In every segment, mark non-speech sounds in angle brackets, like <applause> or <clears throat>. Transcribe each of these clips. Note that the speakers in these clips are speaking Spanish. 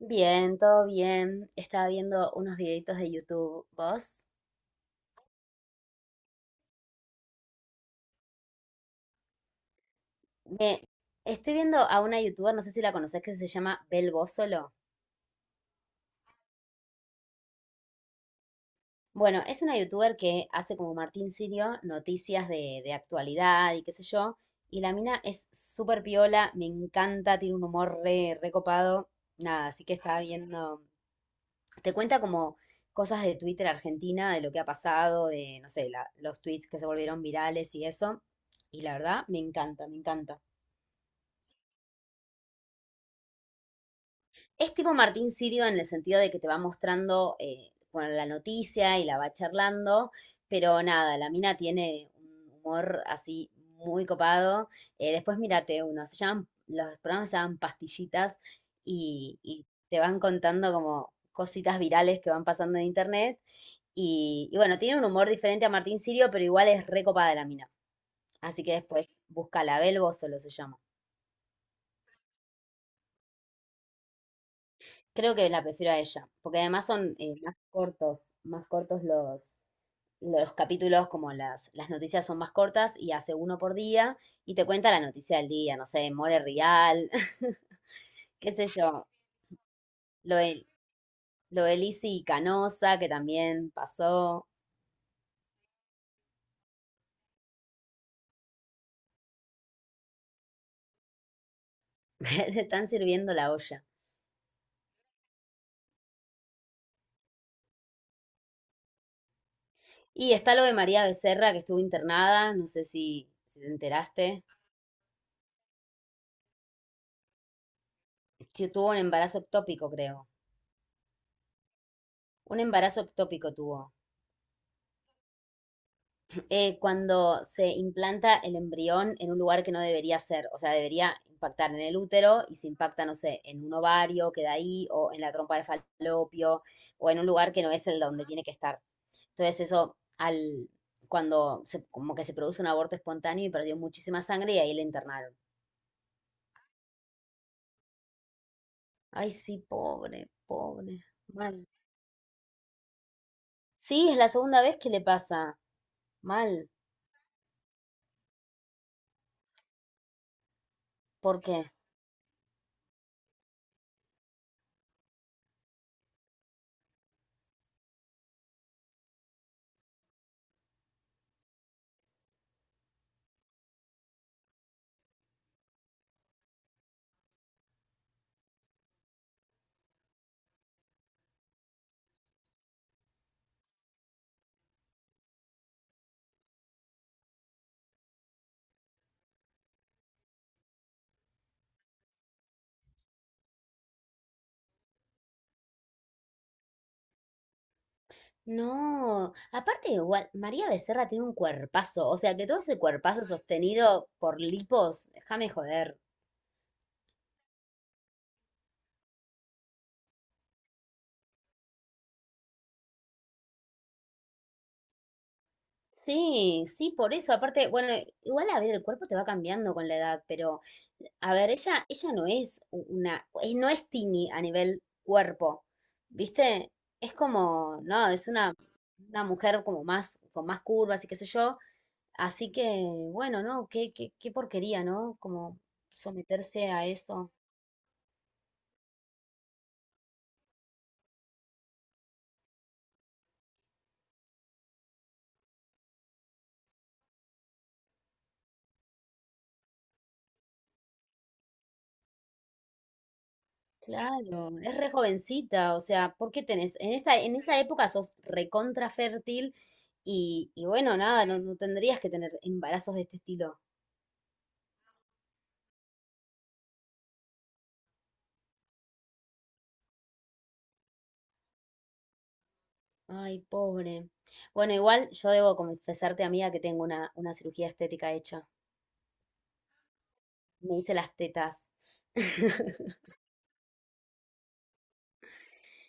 Bien, todo bien. Estaba viendo unos videitos de YouTube. ¿Vos? Me estoy viendo a una youtuber, no sé si la conocés, que se llama Bel Bósolo. Bueno, es una youtuber que hace como Martín Sirio noticias de actualidad y qué sé yo. Y la mina es súper piola, me encanta, tiene un humor re copado. Nada, así que estaba viendo. Te cuenta como cosas de Twitter Argentina, de lo que ha pasado, de, no sé, los tweets que se volvieron virales y eso. Y la verdad, me encanta, me encanta. Es tipo Martín Sirio en el sentido de que te va mostrando bueno, la noticia y la va charlando, pero nada, la mina tiene un humor así muy copado. Después mírate uno, se llaman, los programas se llaman pastillitas y te van contando como cositas virales que van pasando en internet. Y bueno, tiene un humor diferente a Martín Sirio, pero igual es recopada la mina. Así que después búscala, Belbo solo se llama. Creo que la prefiero a ella, porque además son más cortos los capítulos, como las noticias son más cortas y hace uno por día y te cuenta la noticia del día, no sé, More Real, <laughs> qué sé yo, lo de, lo de Lizzy Canosa, que también pasó, <laughs> le están sirviendo la olla. Y está lo de María Becerra, que estuvo internada, no sé si te enteraste, que tuvo un embarazo ectópico, creo. Un embarazo ectópico tuvo. Cuando se implanta el embrión en un lugar que no debería ser, o sea, debería impactar en el útero y se impacta, no sé, en un ovario, queda ahí, o en la trompa de falopio, o en un lugar que no es el donde tiene que estar. Entonces eso, cuando como que se produce un aborto espontáneo y perdió muchísima sangre y ahí le internaron. Ay, sí, pobre, pobre, mal. Sí, es la segunda vez que le pasa, mal. ¿Por qué? No, aparte igual, María Becerra tiene un cuerpazo, o sea que todo ese cuerpazo sostenido por lipos, déjame joder. Sí, sí, por eso, aparte, bueno, igual a ver, el cuerpo te va cambiando con la edad, pero a ver, ella no es una, no es tini a nivel cuerpo, ¿viste? Es como, no, es una mujer como más, con más curvas y qué sé yo, así que, bueno, no, qué porquería, ¿no? Como someterse a eso. Claro, es re jovencita, o sea, ¿por qué tenés? En en esa época sos recontra fértil y bueno, nada, no, no tendrías que tener embarazos de este estilo. Ay, pobre. Bueno, igual yo debo confesarte, amiga, que tengo una cirugía estética hecha. Me hice las tetas. <laughs>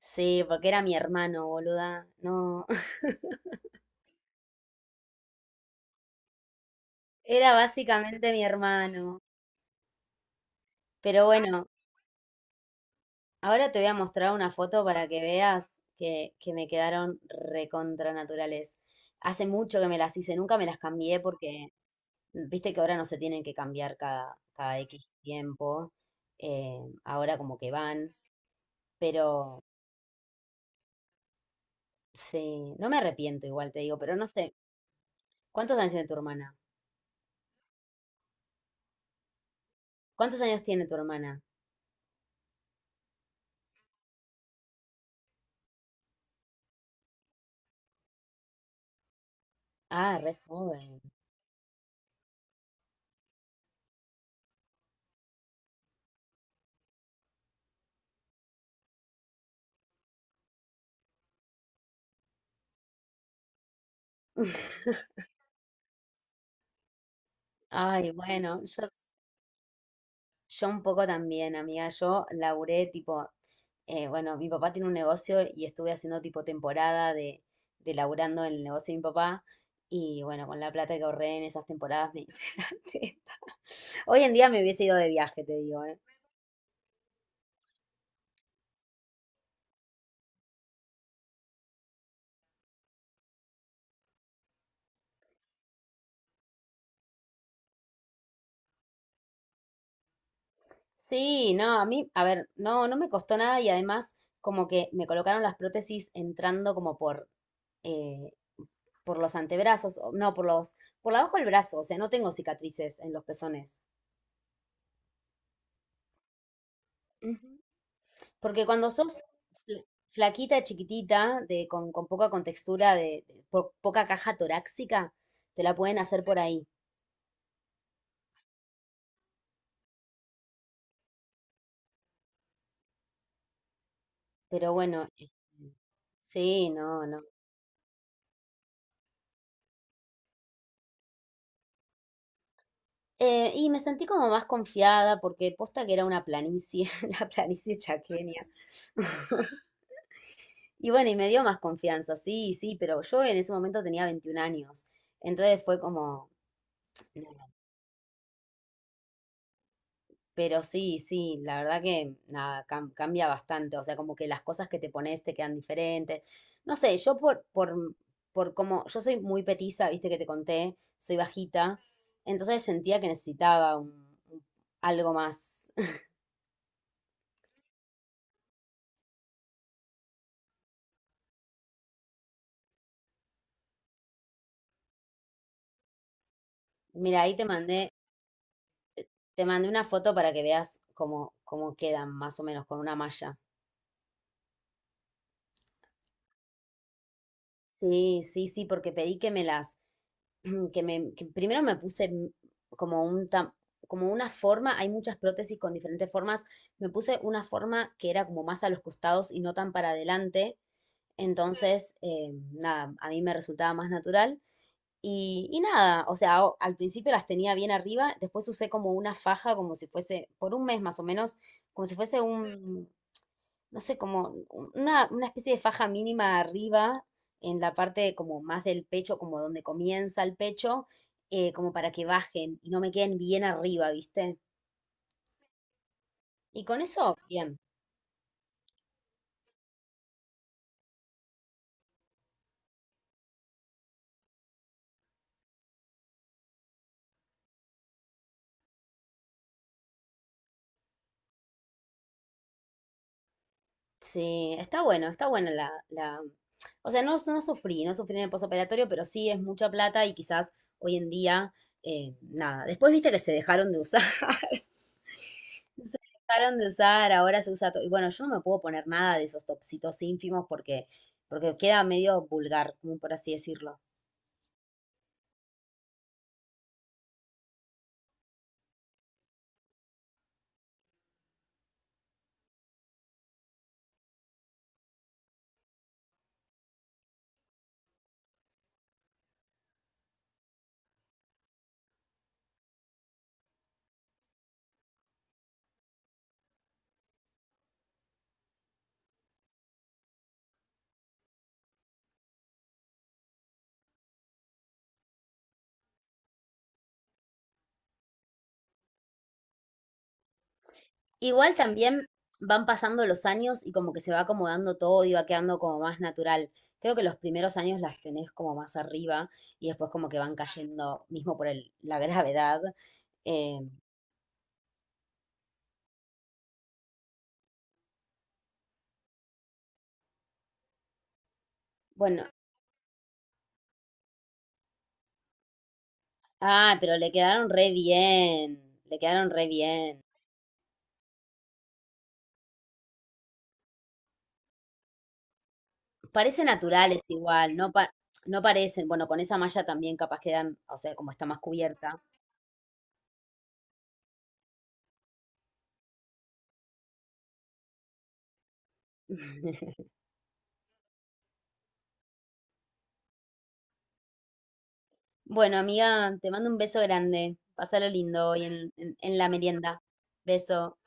Sí, porque era mi hermano, boluda. No, <laughs> era básicamente mi hermano. Pero bueno, ahora te voy a mostrar una foto para que veas que me quedaron recontra naturales. Hace mucho que me las hice, nunca me las cambié porque viste que ahora no se tienen que cambiar cada X tiempo. Ahora como que van, Pero sí, no me arrepiento igual, te digo, pero no sé, ¿cuántos años tiene tu hermana? ¿Cuántos años tiene tu hermana? Ah, re joven. <laughs> Ay, bueno, yo un poco también, amiga, yo laburé tipo, bueno, mi papá tiene un negocio y estuve haciendo tipo temporada de laburando en el negocio de mi papá y bueno, con la plata que ahorré en esas temporadas me hice <laughs> la teta. Hoy en día me hubiese ido de viaje, te digo, ¿eh? Sí, no, a mí, a ver, no, no me costó nada y además como que me colocaron las prótesis entrando como eh, por los antebrazos, no, por por abajo del brazo, o sea, no tengo cicatrices en los pezones. Ujú. Porque cuando sos fl- flaquita, chiquitita, de, con poca contextura, de poca caja torácica, te la pueden hacer por ahí. Pero bueno, este, sí, no, no. Y me sentí como más confiada porque posta que era una planicie, <laughs> la planicie chaqueña. <laughs> Y bueno, y me dio más confianza, sí, sí, pero yo en ese momento tenía 21 años. Entonces fue como, pero sí, sí, la verdad que nada, cambia bastante. O sea, como que las cosas que te pones te quedan diferentes. No sé, yo por como, yo soy muy petiza, viste que te conté, soy bajita. Entonces sentía que necesitaba algo más. <laughs> Mira, ahí te mandé una foto para que veas cómo, cómo quedan más o menos con una malla. Sí, sí, sí, porque pedí que me las, <clears throat> que me, que primero me puse como un como una forma, hay muchas prótesis con diferentes formas, me puse una forma que era como más a los costados y no tan para adelante, entonces nada, a mí me resultaba más natural y nada, o sea, al principio las tenía bien arriba, después usé como una faja, como si fuese, por un mes más o menos, como si fuese no sé, como una especie de faja mínima arriba, en la parte como más del pecho, como donde comienza el pecho, como para que bajen y no me queden bien arriba, ¿viste? Y con eso, bien. Sí, está bueno, está buena la... O sea, no, no sufrí, no sufrí en el posoperatorio, pero sí es mucha plata y quizás hoy en día, nada. Después viste que se dejaron de usar. <laughs> Se dejaron de usar, ahora se usa todo. Y bueno, yo no me puedo poner nada de esos topsitos ínfimos porque queda medio vulgar, como por así decirlo. Igual también van pasando los años y como que se va acomodando todo y va quedando como más natural. Creo que los primeros años las tenés como más arriba y después como que van cayendo, mismo por la <laughs> gravedad. Eh, bueno, ah, pero le quedaron re bien, le quedaron re bien. Parece naturales igual, no, no parecen. Bueno, con esa malla también capaz quedan, o sea, como está más cubierta. <laughs> Bueno, amiga, te mando un beso grande. Pásalo lindo hoy en la merienda. Beso.